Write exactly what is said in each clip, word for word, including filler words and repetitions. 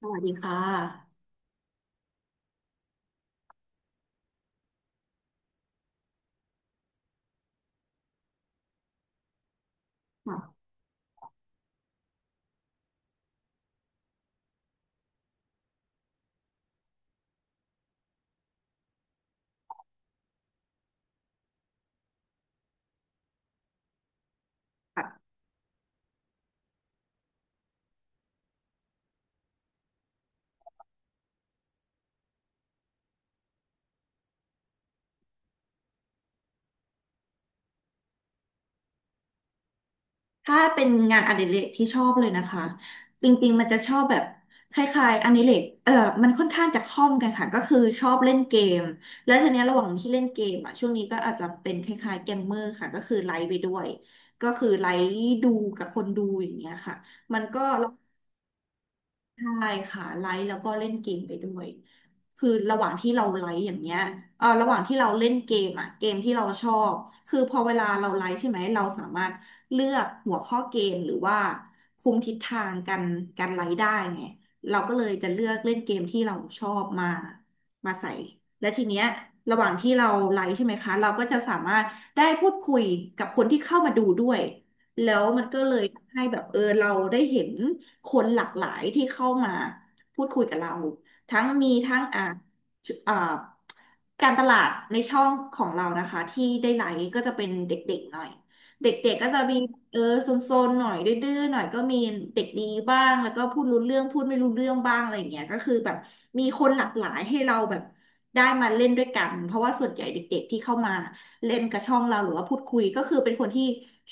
สวัสดีค่ะค่ะ ถ้าเป็นงานอดิเรกที่ชอบเลยนะคะ จริงๆมันจะชอบแบบคล้ายๆอดิเรกเออมันค่อนข้างจะคล่อมกันค่ะ ก็คือชอบเล่นเกม แล้วทีเนี้ยระหว่างที่เล่นเกมอ่ะ ช่วงนี้ก็อาจจะเป็นคล้ายๆเกมเมอร์ค่ะ ก็คือไลฟ์ไปด้วย ก็คือไลฟ์ดูกับคนดูอย่างเงี้ยค่ะมันก็ ใช่ค่ะไลฟ์แล้วก็เล่นเกมไปด้วยคือระหว่างที่เราไลฟ์อย่างเงี้ยเออระหว่างที่เราเล่นเกมอ่ะเกมที่เราชอบคือพอเวลาเราไลฟ์ใช่ไหมเราสามารถเลือกหัวข้อเกมหรือว่าคุมทิศทางการการไลฟ์ได้ไงเราก็เลยจะเลือกเล่นเกมที่เราชอบมามาใส่และทีเนี้ยระหว่างที่เราไลฟ์ใช่ไหมคะเราก็จะสามารถได้พูดคุยกับคนที่เข้ามาดูด้วย แล้วมันก็เลยทำให้แบบเออเราได้เห็นคนหลากหลายที่เข้ามาพูดคุยกับเราทั้งมีทั้งอ่าอ่าการตลาดในช่องของเรานะคะที่ได้ไลค์ก็จะเป็นเด็กๆหน่อยเด็กๆก็จะมีเออโซนๆหน่อยดื้อๆหน่อยก็มีเด็กดีบ้างแล้วก็พูดรู้เรื่องพูดไม่รู้เรื่องบ้างอะไรอย่างเงี้ยก็คือแบบมีคนหลากหลายให้เราแบบได้มาเล่นด้วยกันเพราะว่าส่วนใหญ่เด็กๆที่เข้ามา เล่นกับช่องเราหรือว่าพูดคุยก็คือเป็นคนที่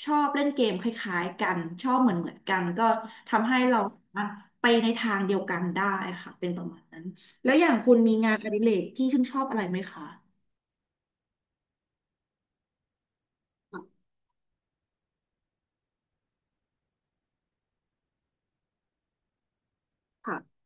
ชอบเล่นเกมคล้ายๆกันชอบเหมือนเหมือนกันก็ทำให้เราสามารถไปในทางเดียวกันได้ค่ะเป็นประมาณนั้นแล้วอย่างคุณมีงานอดิเรกที่ชื่นชอบอะไรไหมคะค่ะ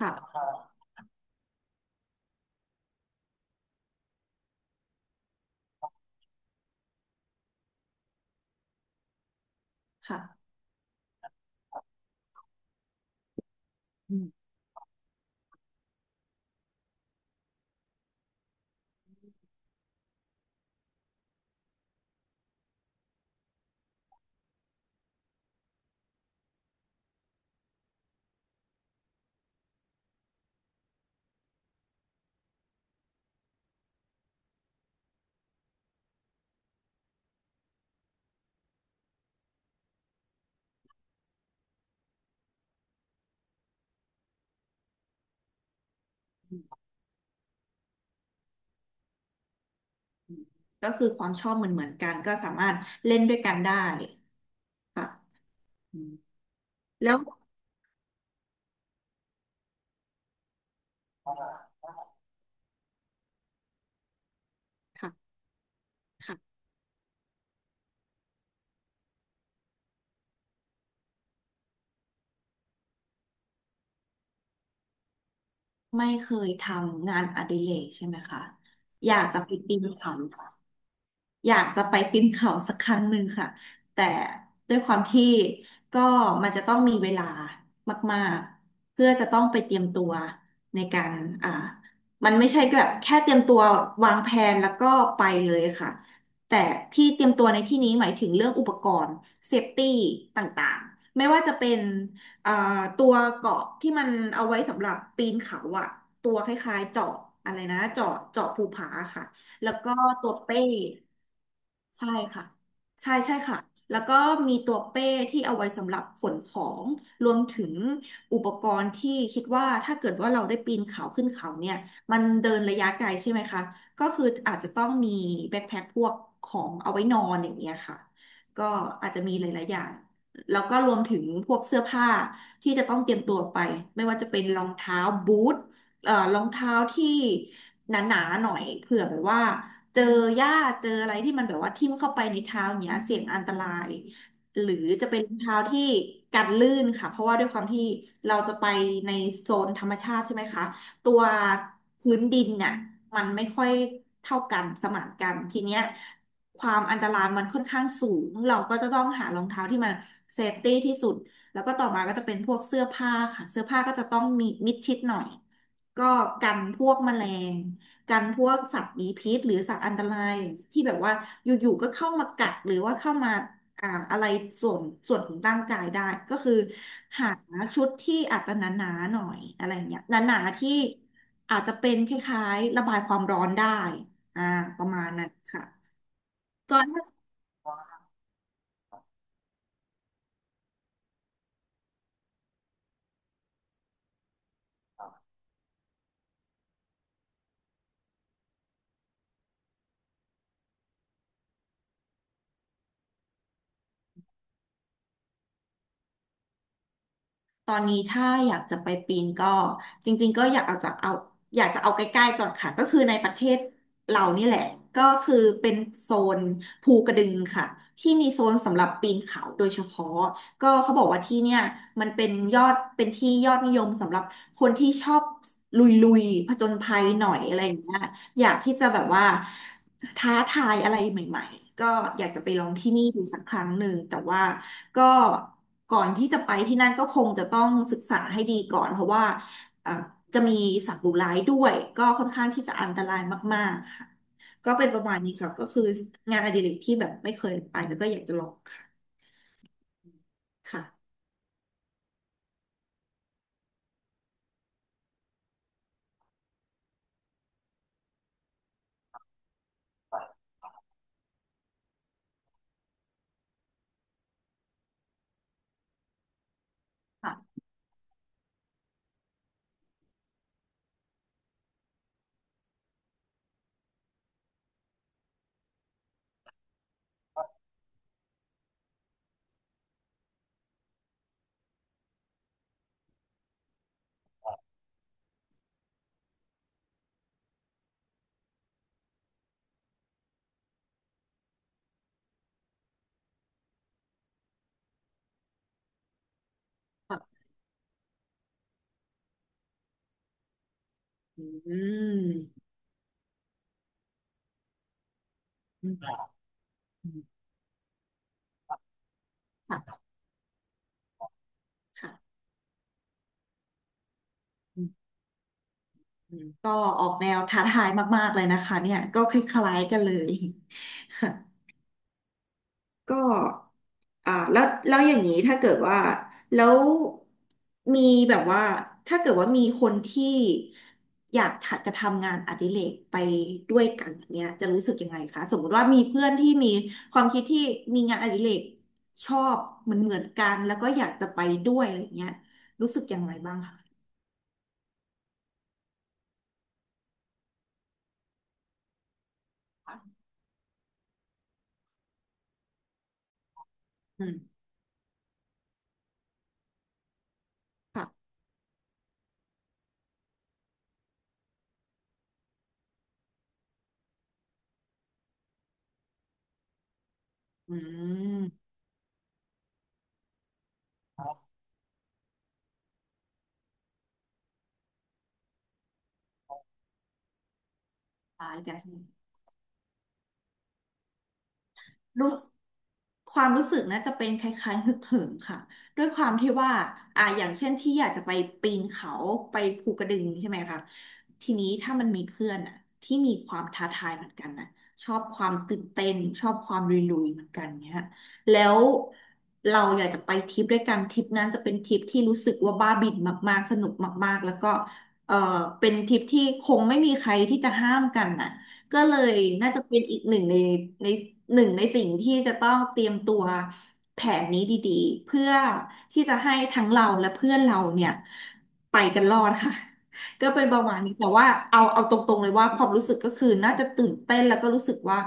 ค่ะค่ะก็คือความชอบเหมือนเหมือนกันก็สามารถเล่นด้วยกันได้ค่ะอืมแล้วค่ะค่ะไม่เคยทำงานอดิเรกใช่ไหมคะอยากจะไปปีนเขา อยากจะไปปีนเขาสักครั้งหนึ่งค่ะแต่ด้วยความที่ก็มันจะต้องมีเวลามากๆเพื่อจะต้องไปเตรียมตัวในการอ่ามันไม่ใช่แบบแค่เตรียมตัววางแผนแล้วก็ไปเลยค่ะแต่ที่เตรียมตัวในที่นี้หมายถึงเรื่องอุปกรณ์เซฟตี้ต่างๆ ไม่ว่าจะเป็นเอ่อตัวเกราะที่มันเอาไว้สำหรับปีนเขาอะตัวคล้ายๆเจาะอะไรนะเจาะเจาะภูผาค่ะแล้วก็ตัวเป้ ใช่ค่ะใช่ใช่ค่ะแล้วก็มีตัวเป้ที่เอาไว้สำหรับขนของรวมถึงอุปกรณ์ที่คิดว่าถ้าเกิดว่าเราได้ปีนเขาขึ้นเขาเนี่ยมันเดินระยะไกลใช่ไหมคะก็คืออาจจะต้องมีแบ็คแพ็คพวกของเอาไว้นอนอย่างเงี้ยค่ะก็อาจจะมีหลายๆอย่างแล้วก็รวมถึงพวกเสื้อผ้าที่จะต้องเตรียมตัวไปไม่ว่าจะเป็นรองเท้าบูทเอ่อรองเท้าที่หนาๆหน่อยเผื่อแบบว่า เจอหญ้าเจออะไรที่มันแบบว่าทิ่มเข้าไปในเท้าอย่างเงี้ยเสี่ยงอันตรายหรือจะเป็นรองเท้าที่กันลื่นค่ะเพราะว่าด้วยความที่เราจะไปในโซนธรรมชาติใช่ไหมคะตัวพื้นดินน่ะมันไม่ค่อยเท่ากันสมานกันทีเนี้ยความอันตรายมันค่อนข้างสูงเราก็จะต้องหารองเท้าที่มันเซฟตี้ที่สุดแล้วก็ต่อมาก็จะเป็นพวกเสื้อผ้าค่ะเสื้อผ้าก็จะต้องมีมิดชิดหน่อยก็กันพวกแมลง กันพวกสัตว์มีพิษหรือสัตว์อันตรายอย่างที่แบบว่าอยู่ๆก็เข้ามากัดหรือว่าเข้ามาอ่าอะไรส่วนส่วนของร่างกายได้ก็คือหาชุดที่อาจจะหนาๆหน่อยอะไรอย่างเงี้ยหนาๆที่อาจจะเป็นคล้ายๆระบายความร้อนได้อ่าประมาณนั้นค่ะ ตอนนี้ถ้าอยากจะไปปีนก็จริงๆก็อยากเอาจากเอาอยากจะเอาใกล้ๆก่อนค่ะก็คือในประเทศเรานี่แหละก็คือเป็นโซนภูกระดึงค่ะที่มีโซนสำหรับปีนเขาโดยเฉพาะ ก็เขาบอกว่าที่เนี่ยมันเป็นยอดเป็นที่ยอดนิยมสำหรับคนที่ชอบลุยลุยผจญภัยหน่อยอะไรอย่างเงี้ยอยากที่จะแบบว่าท้าทายอะไรใหม่ๆก็อยากจะไปลองที่นี่ดูสักครั้งหนึ่งแต่ว่าก็ก่อนที่จะไปที่นั่นก็คงจะต้องศึกษาให้ดีก่อนเพราะว่าเอ่อจะมีสัตว์ดุร้ายด้วยก็ค่อนข้างที่จะอันตรายมากๆค่ะก็เป็นประมาณนี้ค่ะก็คืองานอดิเรกที่แบบไม่เคยไปแล้วก็อยากจะลองค่ะค่ะค่ะ อืมอืมค่ะค่ะอืมอืมก็ออกแนวท้าทายมากๆเลยนะคะเนี่ยก็คล้ายๆกันเลย ค่ะก็อ่าแล้วแล้วอย่างนี้ถ้าเกิดว่าแล้วมีแบบว่าถ้าเกิดว่ามีคนที่อยากทะจะทำงานอดิเรกไปด้วยกันอย่างเนี้ยจะรู้สึกยังไงคะสมมติว่ามีเพื่อนที่มีความคิดที่มีงานอดิเรกชอบเหมือนเหมือนกันแล้วก็อยากจะไปด้วยอะไรอย่างเงี้ยรู้สึกอย่างไรบ้างคะ อืมค่ะอืมตายแต่รู้ความรู้สึกนะจะเป็นคล้ายๆฮึกเหิมค่ะด้วยความที่ว่าอ่าอย่างเช่นที่อยากจะไปปีนเขาไปภูกระดึงใช่ไหมคะทีนี้ถ้ามันมีเพื่อนอ่ะที่มีความท้าทายเหมือนกันนะชอบความตื่นเต้นชอบความลุยๆเหมือนกันเนี่ยแล้วเราอยากจะไปทริปด้วยกันทริปนั้นจะเป็นทริปที่รู้สึกว่าบ้าบิ่นมากๆสนุกมากๆแล้วก็เออเป็นทริปที่คงไม่มีใครที่จะห้ามกันน่ะ ก็เลยน่าจะเป็นอีกหนึ่งในในหนึ่งในสิ่งที่จะต้องเตรียมตัวแผนนี้ดีๆเพื่อที่จะให้ทั้งเราและเพื่อนเราเนี่ยไปกันรอดค่ะ ก็เป็นประมาณนี้แต่ว่าเอาเอาตรงๆเลยว่าความรู้สึกก็คือน่าจะตื่นเต้นแล้วก็รู้สึกว่า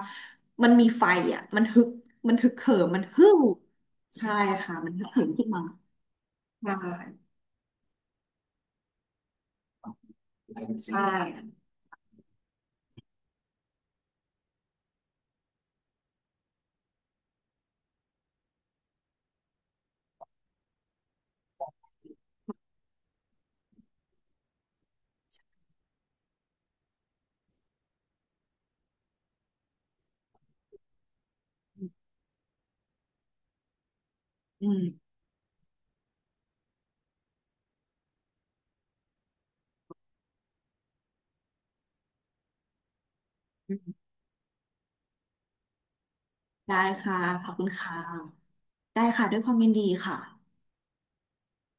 มันมีไฟอ่ะมันฮึกมันฮึกเหิมมันฮึ่วใช่ค่ะมันฮึกเหิมขึ้นมาใช่ใช่อืมอืมได้ค่ะขอบคุณค่ะได้ค่ะด้วยความยินดีค่ะ